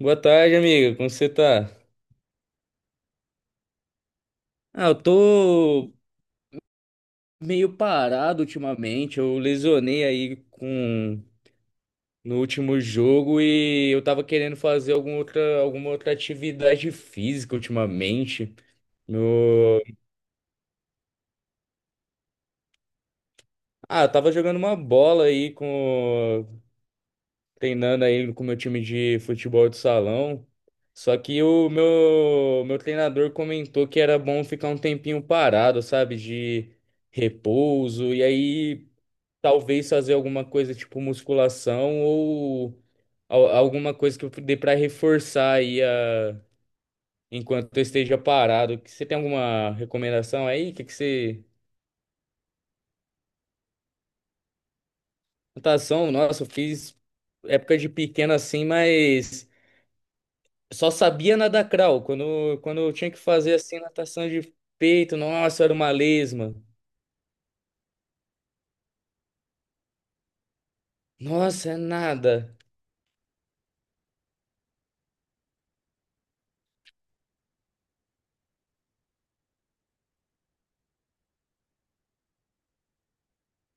Boa tarde, amiga. Como você tá? Ah, eu tô meio parado ultimamente. Eu lesionei aí com no último jogo e eu tava querendo fazer alguma outra atividade física ultimamente. No... Ah, eu tava jogando uma bola aí com treinando aí com o meu time de futebol de salão. Só que o meu treinador comentou que era bom ficar um tempinho parado, sabe, de repouso. E aí talvez fazer alguma coisa tipo musculação ou alguma coisa que eu dê pra reforçar aí enquanto eu esteja parado. Você tem alguma recomendação aí? Que você? Natação, nossa, eu fiz época de pequeno assim, mas só sabia nadar crawl. Quando eu tinha que fazer assim natação de peito, nossa, era uma lesma. Nossa, é nada.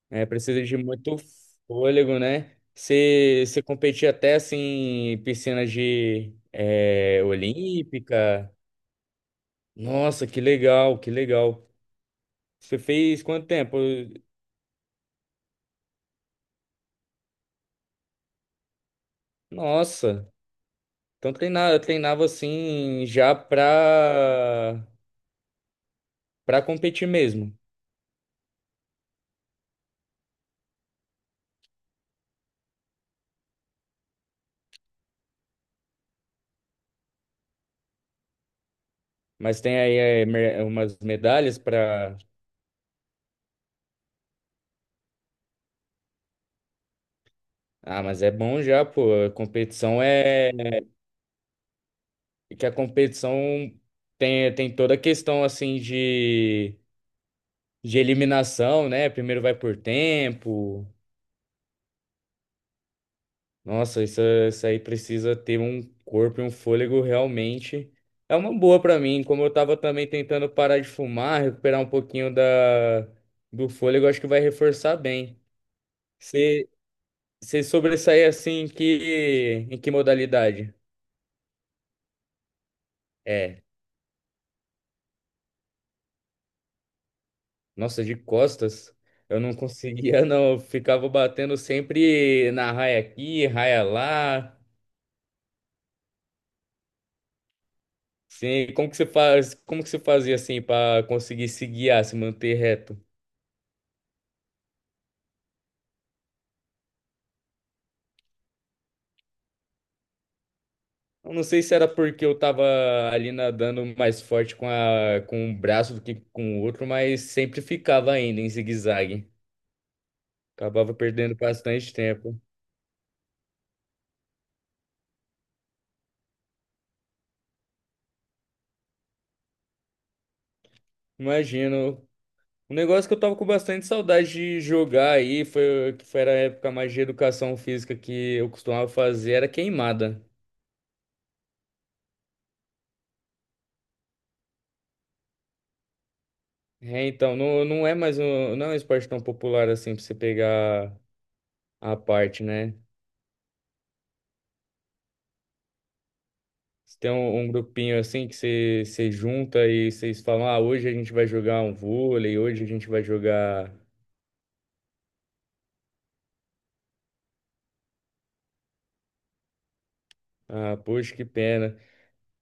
É, precisa de muito fôlego, né? Você competia até assim em piscina de olímpica. Nossa, que legal, que legal. Você fez quanto tempo? Nossa, então treinava assim já pra para competir mesmo. Mas tem aí umas medalhas pra. Ah, mas é bom já, pô. A competição tem toda a questão assim de eliminação, né? Primeiro vai por tempo. Nossa, isso aí precisa ter um corpo e um fôlego realmente. É uma boa pra mim. Como eu tava também tentando parar de fumar, recuperar um pouquinho do fôlego, acho que vai reforçar bem. Você você sobressair assim em que modalidade? É, nossa, de costas. Eu não conseguia, não. Eu ficava batendo sempre na raia aqui, raia lá. Sim, como que você fazia assim para conseguir se guiar, se manter reto? Eu não sei se era porque eu tava ali nadando mais forte com um braço do que com o outro, mas sempre ficava ainda em zigue-zague. Acabava perdendo bastante tempo. Imagino. Um negócio que eu tava com bastante saudade de jogar aí, foi a época mais de educação física que eu costumava fazer, era queimada. É, então, não, não é mais um, não é um esporte tão popular assim pra você pegar a parte, né? Você tem um grupinho assim que você junta e vocês falam, ah, hoje a gente vai jogar um vôlei, hoje a gente vai jogar. Ah, poxa, que pena.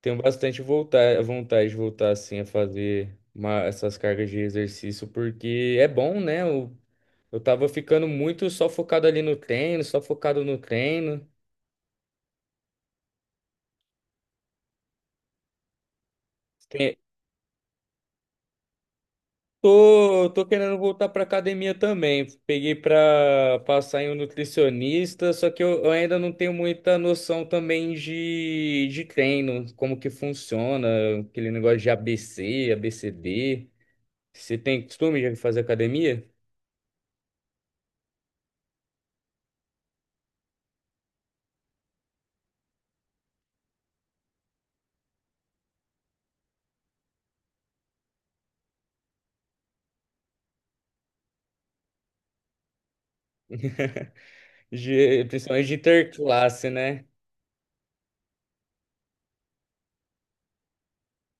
Tenho bastante vontade de voltar assim a fazer essas cargas de exercício, porque é bom, né? Eu tava ficando muito só focado ali no treino, só focado no treino. Tô querendo voltar pra academia também. Peguei pra passar em um nutricionista, só que eu ainda não tenho muita noção também de treino, como que funciona, aquele negócio de ABC. D Você tem costume de fazer academia? Principalmente de interclasse, né?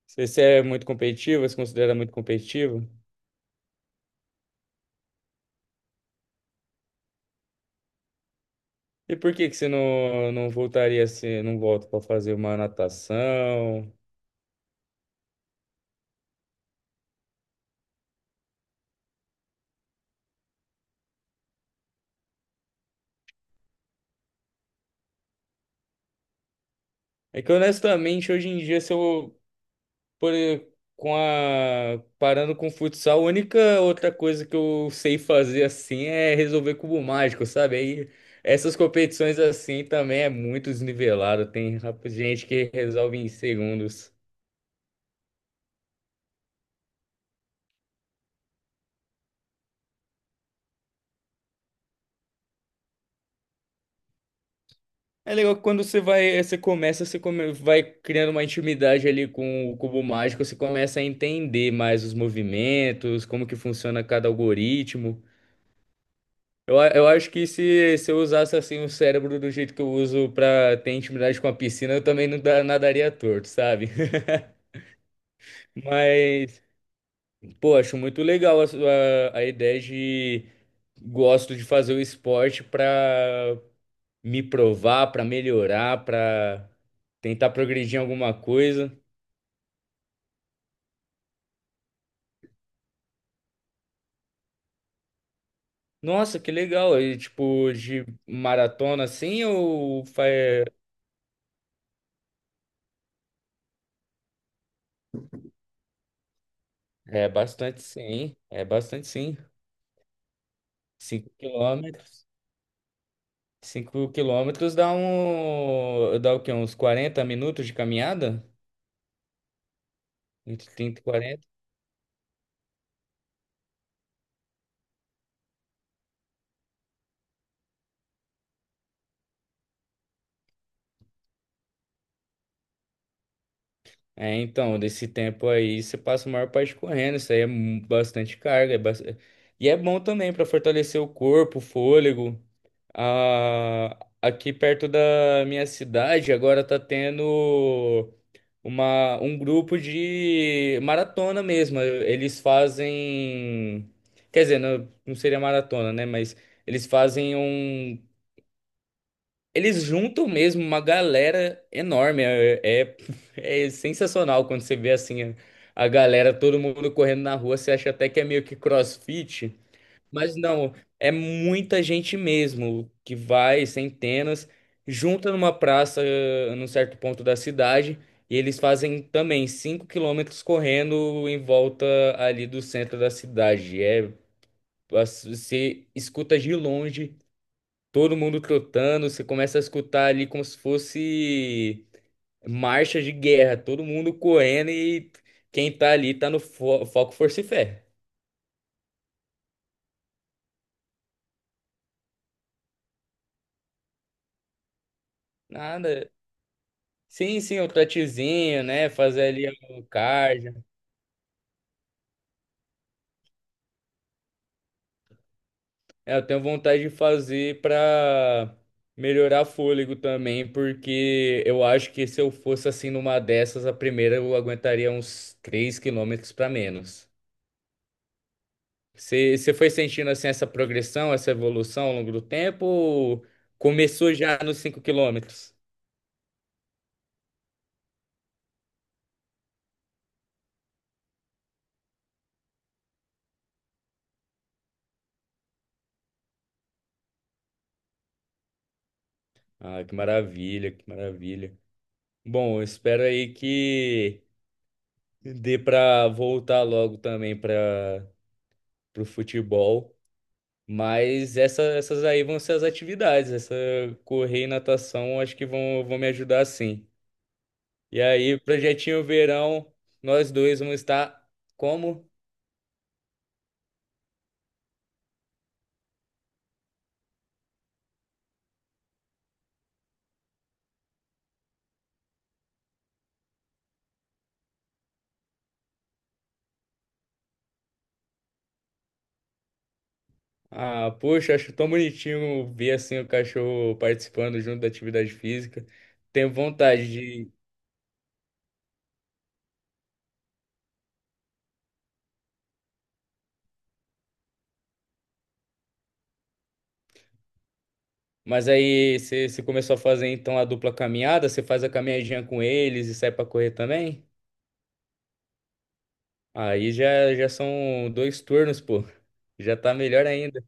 Você é muito competitivo, você se considera muito competitivo? E por que que você não, não voltaria assim, não volta pra fazer uma natação? É que honestamente, hoje em dia, se eu por, com a, parando com o futsal, a única outra coisa que eu sei fazer assim é resolver cubo mágico, sabe? Aí essas competições assim também é muito desnivelado. Tem gente que resolve em segundos. É legal que quando você vai, você começa, você come- vai criando uma intimidade ali com o cubo mágico, você começa a entender mais os movimentos, como que funciona cada algoritmo. Eu acho que se eu usasse assim o cérebro do jeito que eu uso pra ter intimidade com a piscina, eu também não nadaria torto, sabe? Mas, pô, acho muito legal a ideia de gosto de fazer o esporte pra me provar, pra melhorar, pra tentar progredir em alguma coisa. Nossa, que legal! E, tipo, de maratona assim ou É bastante sim, é bastante sim. 5 km dá um. Dá o quê? Uns 40 minutos de caminhada? Entre 30 e 40. É, então, desse tempo aí você passa a maior parte correndo. Isso aí é bastante carga. E é bom também para fortalecer o corpo, o fôlego. Ah, aqui perto da minha cidade agora tá tendo um grupo de maratona mesmo. Eles fazem. Quer dizer, não, não seria maratona, né? Mas. Eles fazem um Eles juntam mesmo uma galera enorme. É sensacional quando você vê assim a galera, todo mundo correndo na rua. Você acha até que é meio que CrossFit, mas não, é muita gente mesmo que vai, centenas, junta numa praça num certo ponto da cidade e eles fazem também 5 km correndo em volta ali do centro da cidade. É, você escuta de longe. Todo mundo trotando, você começa a escutar ali como se fosse marcha de guerra, todo mundo correndo e quem tá ali tá no foco, força e fé. Nada. Sim, sim, o trotezinho, né? Fazer ali o cardio. É, eu tenho vontade de fazer pra melhorar fôlego também, porque eu acho que se eu fosse assim numa dessas, a primeira eu aguentaria uns 3 km pra menos. Você foi sentindo assim essa progressão, essa evolução ao longo do tempo? Ou começou já nos 5 km? Ah, que maravilha, que maravilha. Bom, eu espero aí que dê para voltar logo também para o futebol. Mas essas aí vão ser as atividades. Essa correr e natação acho que vão me ajudar sim. E aí, projetinho verão, nós dois vamos estar como? Ah, poxa, acho tão bonitinho ver assim o cachorro participando junto da atividade física. Tenho vontade de. Mas aí você começou a fazer então a dupla caminhada, você faz a caminhadinha com eles e sai pra correr também? Aí já são dois turnos, pô. Já tá melhor ainda.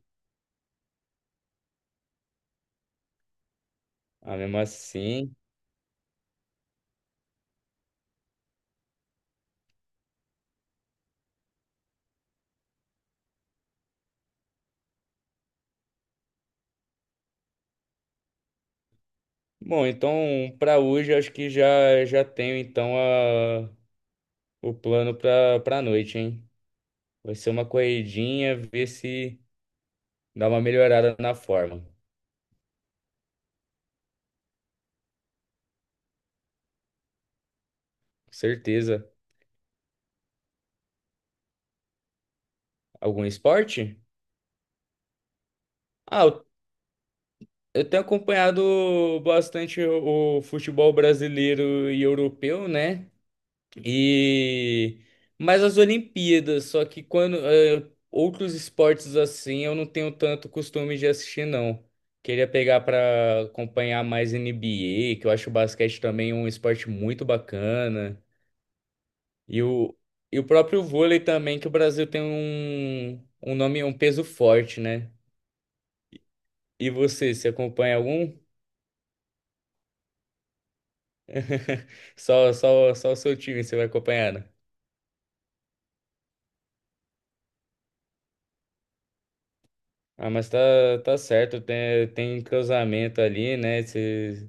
Ah, mesmo assim. Bom, então pra hoje eu acho que já já tenho então o plano pra noite, hein? Vai ser uma corridinha, ver se dá uma melhorada na forma. Certeza. Algum esporte? Ah, eu tenho acompanhado bastante o futebol brasileiro e europeu, né? E mais as Olimpíadas, só que outros esportes assim, eu não tenho tanto costume de assistir, não. Queria pegar para acompanhar mais NBA, que eu acho o basquete também um esporte muito bacana. E o, e o próprio vôlei também, que o Brasil tem um nome, um peso forte, né? E você acompanha algum? Só o seu time você vai acompanhando. Ah, mas tá certo, tem entrosamento ali, né?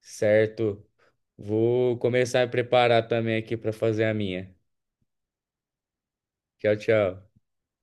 Certo. Vou começar a preparar também aqui para fazer a minha. Tchau, tchau.